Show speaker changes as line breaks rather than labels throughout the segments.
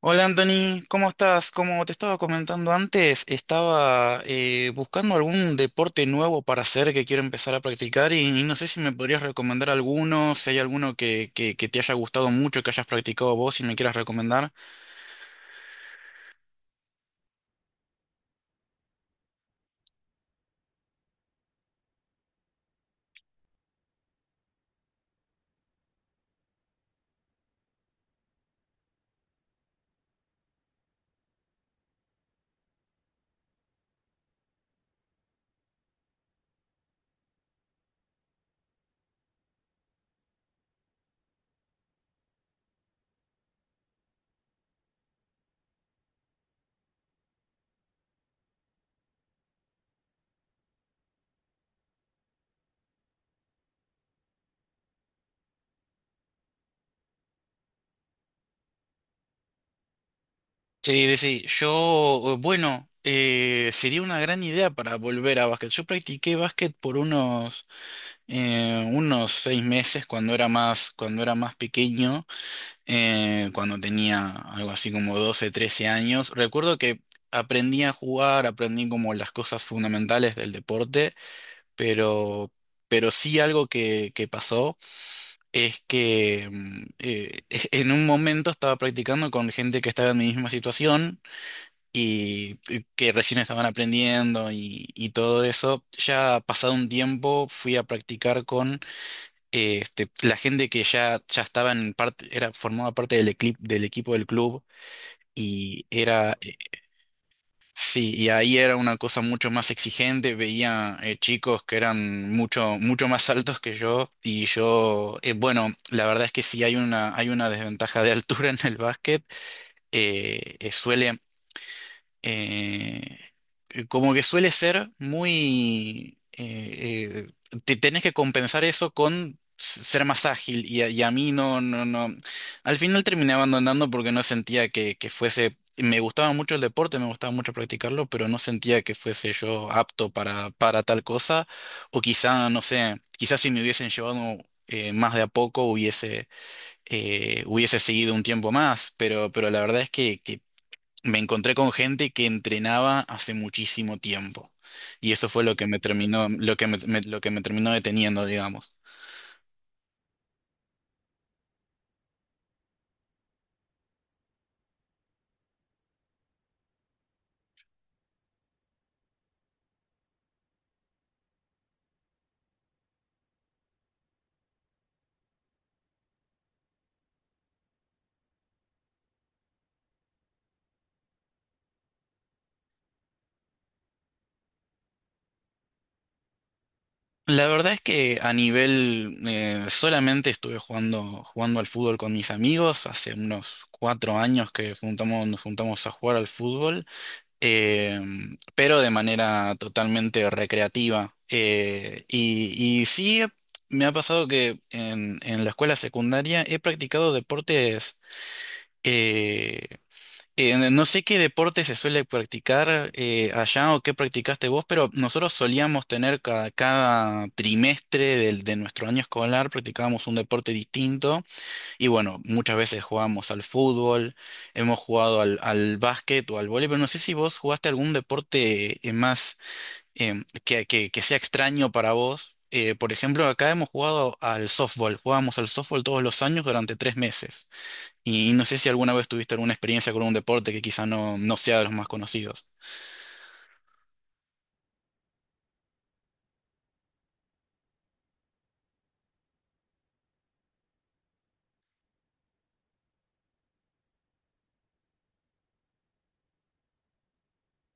Hola Anthony, ¿cómo estás? Como te estaba comentando antes, estaba buscando algún deporte nuevo para hacer que quiero empezar a practicar y no sé si me podrías recomendar alguno, si hay alguno que te haya gustado mucho, que hayas practicado vos y me quieras recomendar. Sí, sí, bueno, sería una gran idea para volver a básquet. Yo practiqué básquet por unos 6 meses cuando era más pequeño. Cuando tenía algo así como 12 13 años. Recuerdo que aprendí a jugar, aprendí como las cosas fundamentales del deporte, pero, pero sí algo que pasó es que en un momento estaba practicando con gente que estaba en mi misma situación y que recién estaban aprendiendo y todo eso. Ya pasado un tiempo fui a practicar con la gente que ya estaba en parte, era, formaba parte del equipo del club y era, eh, sí, y ahí era una cosa mucho más exigente, veía chicos que eran mucho, mucho más altos que yo bueno, la verdad es que sí hay una desventaja de altura en el básquet, suele eh, como que suele ser te tenés que compensar eso con s- ser más ágil y a mí no, no, no. Al final terminé abandonando porque no sentía que fuese. Me gustaba mucho el deporte, me gustaba mucho practicarlo, pero no sentía que fuese yo apto para tal cosa. O quizá, no sé, quizás si me hubiesen llevado más de a poco hubiese seguido un tiempo más, pero la verdad es que me encontré con gente que entrenaba hace muchísimo tiempo. Y eso fue lo que me terminó, lo que me terminó deteniendo, digamos. La verdad es que a nivel, solamente estuve jugando al fútbol con mis amigos. Hace unos 4 años que nos juntamos a jugar al fútbol, eh, pero de manera totalmente recreativa. Y sí, me ha pasado que en la escuela secundaria he practicado deportes. eh, no sé qué deporte se suele practicar allá o qué practicaste vos, pero nosotros solíamos tener cada trimestre de nuestro año escolar, practicábamos un deporte distinto y bueno, muchas veces jugábamos al fútbol, hemos jugado al básquet o al vóley, pero no sé si vos jugaste algún deporte más que sea extraño para vos. Por ejemplo, acá hemos jugado al softball, jugábamos al softball todos los años durante 3 meses. Y no sé si alguna vez tuviste alguna experiencia con un deporte que quizá no sea de los más conocidos.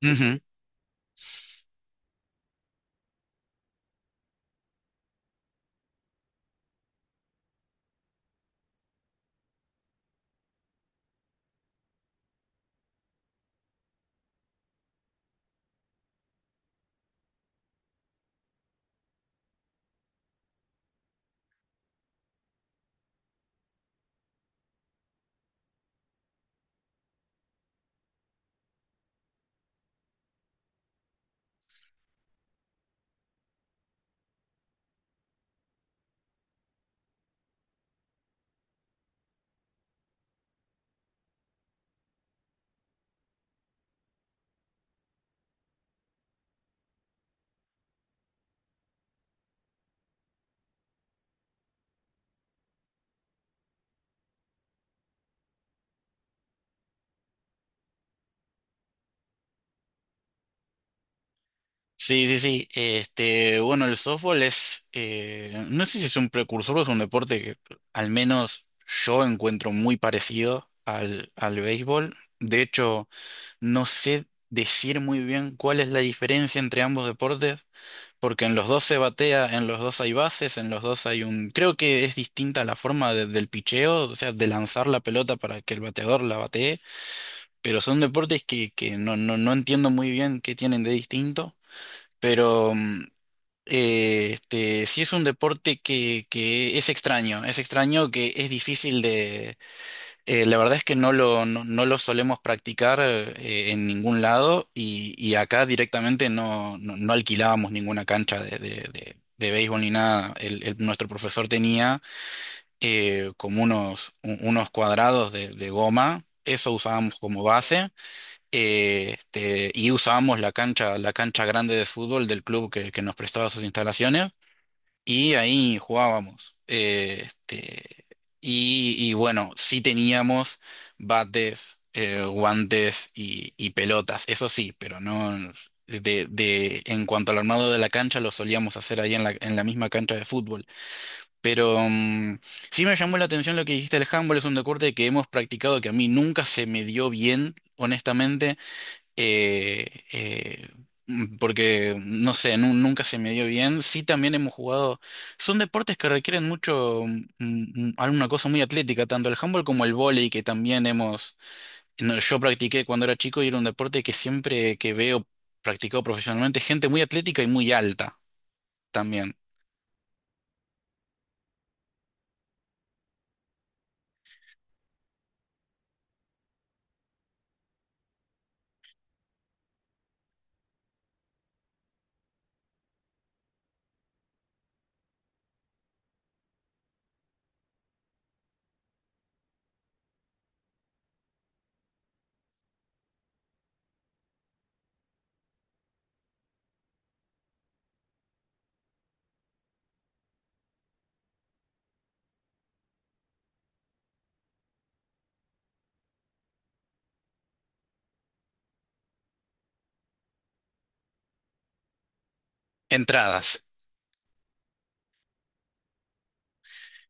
Ujú. Sí, sí, sí. Bueno, el softball es, no sé si es un precursor o es un deporte que al menos yo encuentro muy parecido al béisbol. De hecho, no sé decir muy bien cuál es la diferencia entre ambos deportes, porque en los dos se batea, en los dos hay bases, en los dos hay un... Creo que es distinta la forma del picheo, o sea, de lanzar la pelota para que el bateador la batee, pero son deportes que no, no, no entiendo muy bien qué tienen de distinto. Pero sí es un deporte que es extraño que es difícil de. La verdad es que no lo solemos practicar en ningún lado y acá directamente no, no, no alquilábamos ninguna cancha de béisbol ni nada. Nuestro profesor tenía como unos cuadrados de goma, eso usábamos como base y usábamos la cancha, grande de fútbol del club que nos prestaba sus instalaciones. Y ahí jugábamos. Y bueno, sí teníamos bates, guantes y pelotas, eso sí, pero no de, de en cuanto al armado de la cancha lo solíamos hacer ahí en la misma cancha de fútbol. Pero sí me llamó la atención lo que dijiste, el handball es un deporte que hemos practicado que a mí nunca se me dio bien, honestamente. eh, eh, Porque, no sé, nunca se me dio bien. Sí, también hemos jugado. Son deportes que requieren mucho, alguna cosa muy atlética, tanto el handball como el vóley, que también hemos. No, yo practiqué cuando era chico y era un deporte que siempre que veo practicado profesionalmente, gente muy atlética y muy alta también. Entradas.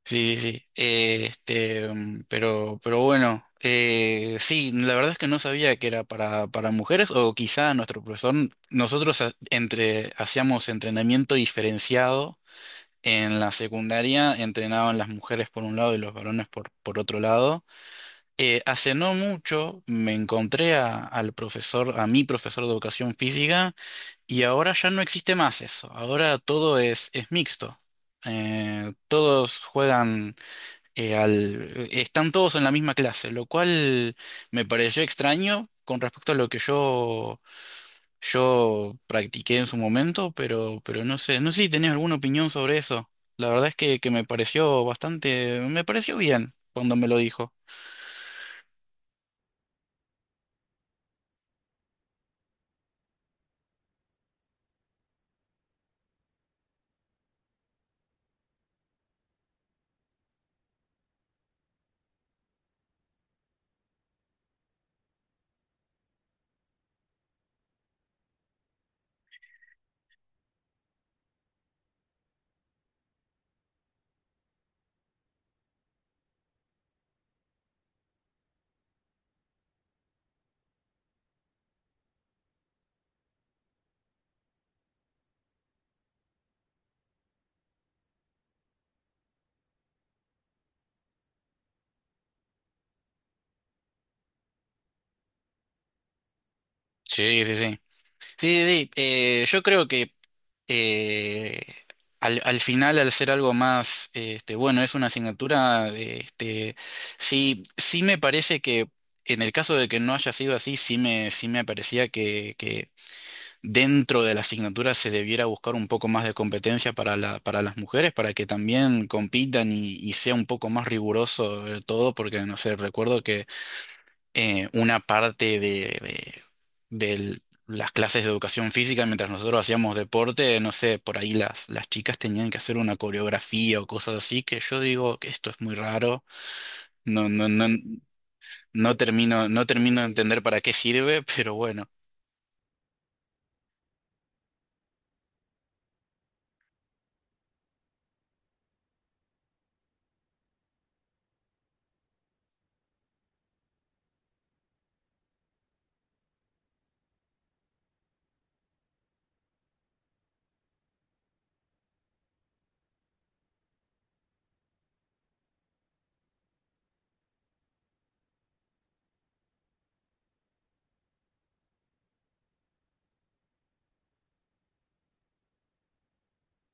Sí, sí, sí. Pero bueno, sí, la verdad es que no sabía que era para, mujeres, o quizá nuestro profesor, nosotros hacíamos entrenamiento diferenciado en la secundaria, entrenaban las mujeres por un lado y los varones por otro lado. Hace no mucho me encontré al profesor, a mi profesor de educación física, y ahora ya no existe más eso, ahora todo es mixto. Todos juegan están todos en la misma clase, lo cual me pareció extraño con respecto a lo que yo practiqué en su momento, pero no sé si tenés alguna opinión sobre eso. La verdad es que me pareció bien cuando me lo dijo. Sí, sí, sí. Sí, sí, sí. Yo creo que eh, al, al final, al ser algo más, bueno, es una asignatura, sí, sí me parece que en el caso de que no haya sido así, sí me parecía que dentro de la asignatura se debiera buscar un poco más de competencia para para las mujeres, para que también compitan y sea un poco más riguroso todo, porque no sé, recuerdo una parte de las clases de educación física, mientras nosotros hacíamos deporte, no sé, por ahí las chicas tenían que hacer una coreografía o cosas así, que yo digo que esto es muy raro, no, no, no, no termino de entender para qué sirve, pero bueno.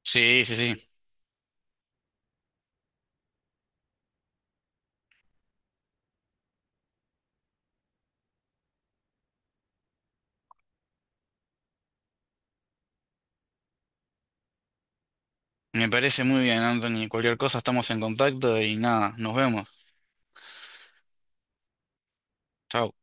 Sí, sí, sí. Me parece muy bien, Anthony. Cualquier cosa estamos en contacto y nada, nos vemos. Chao.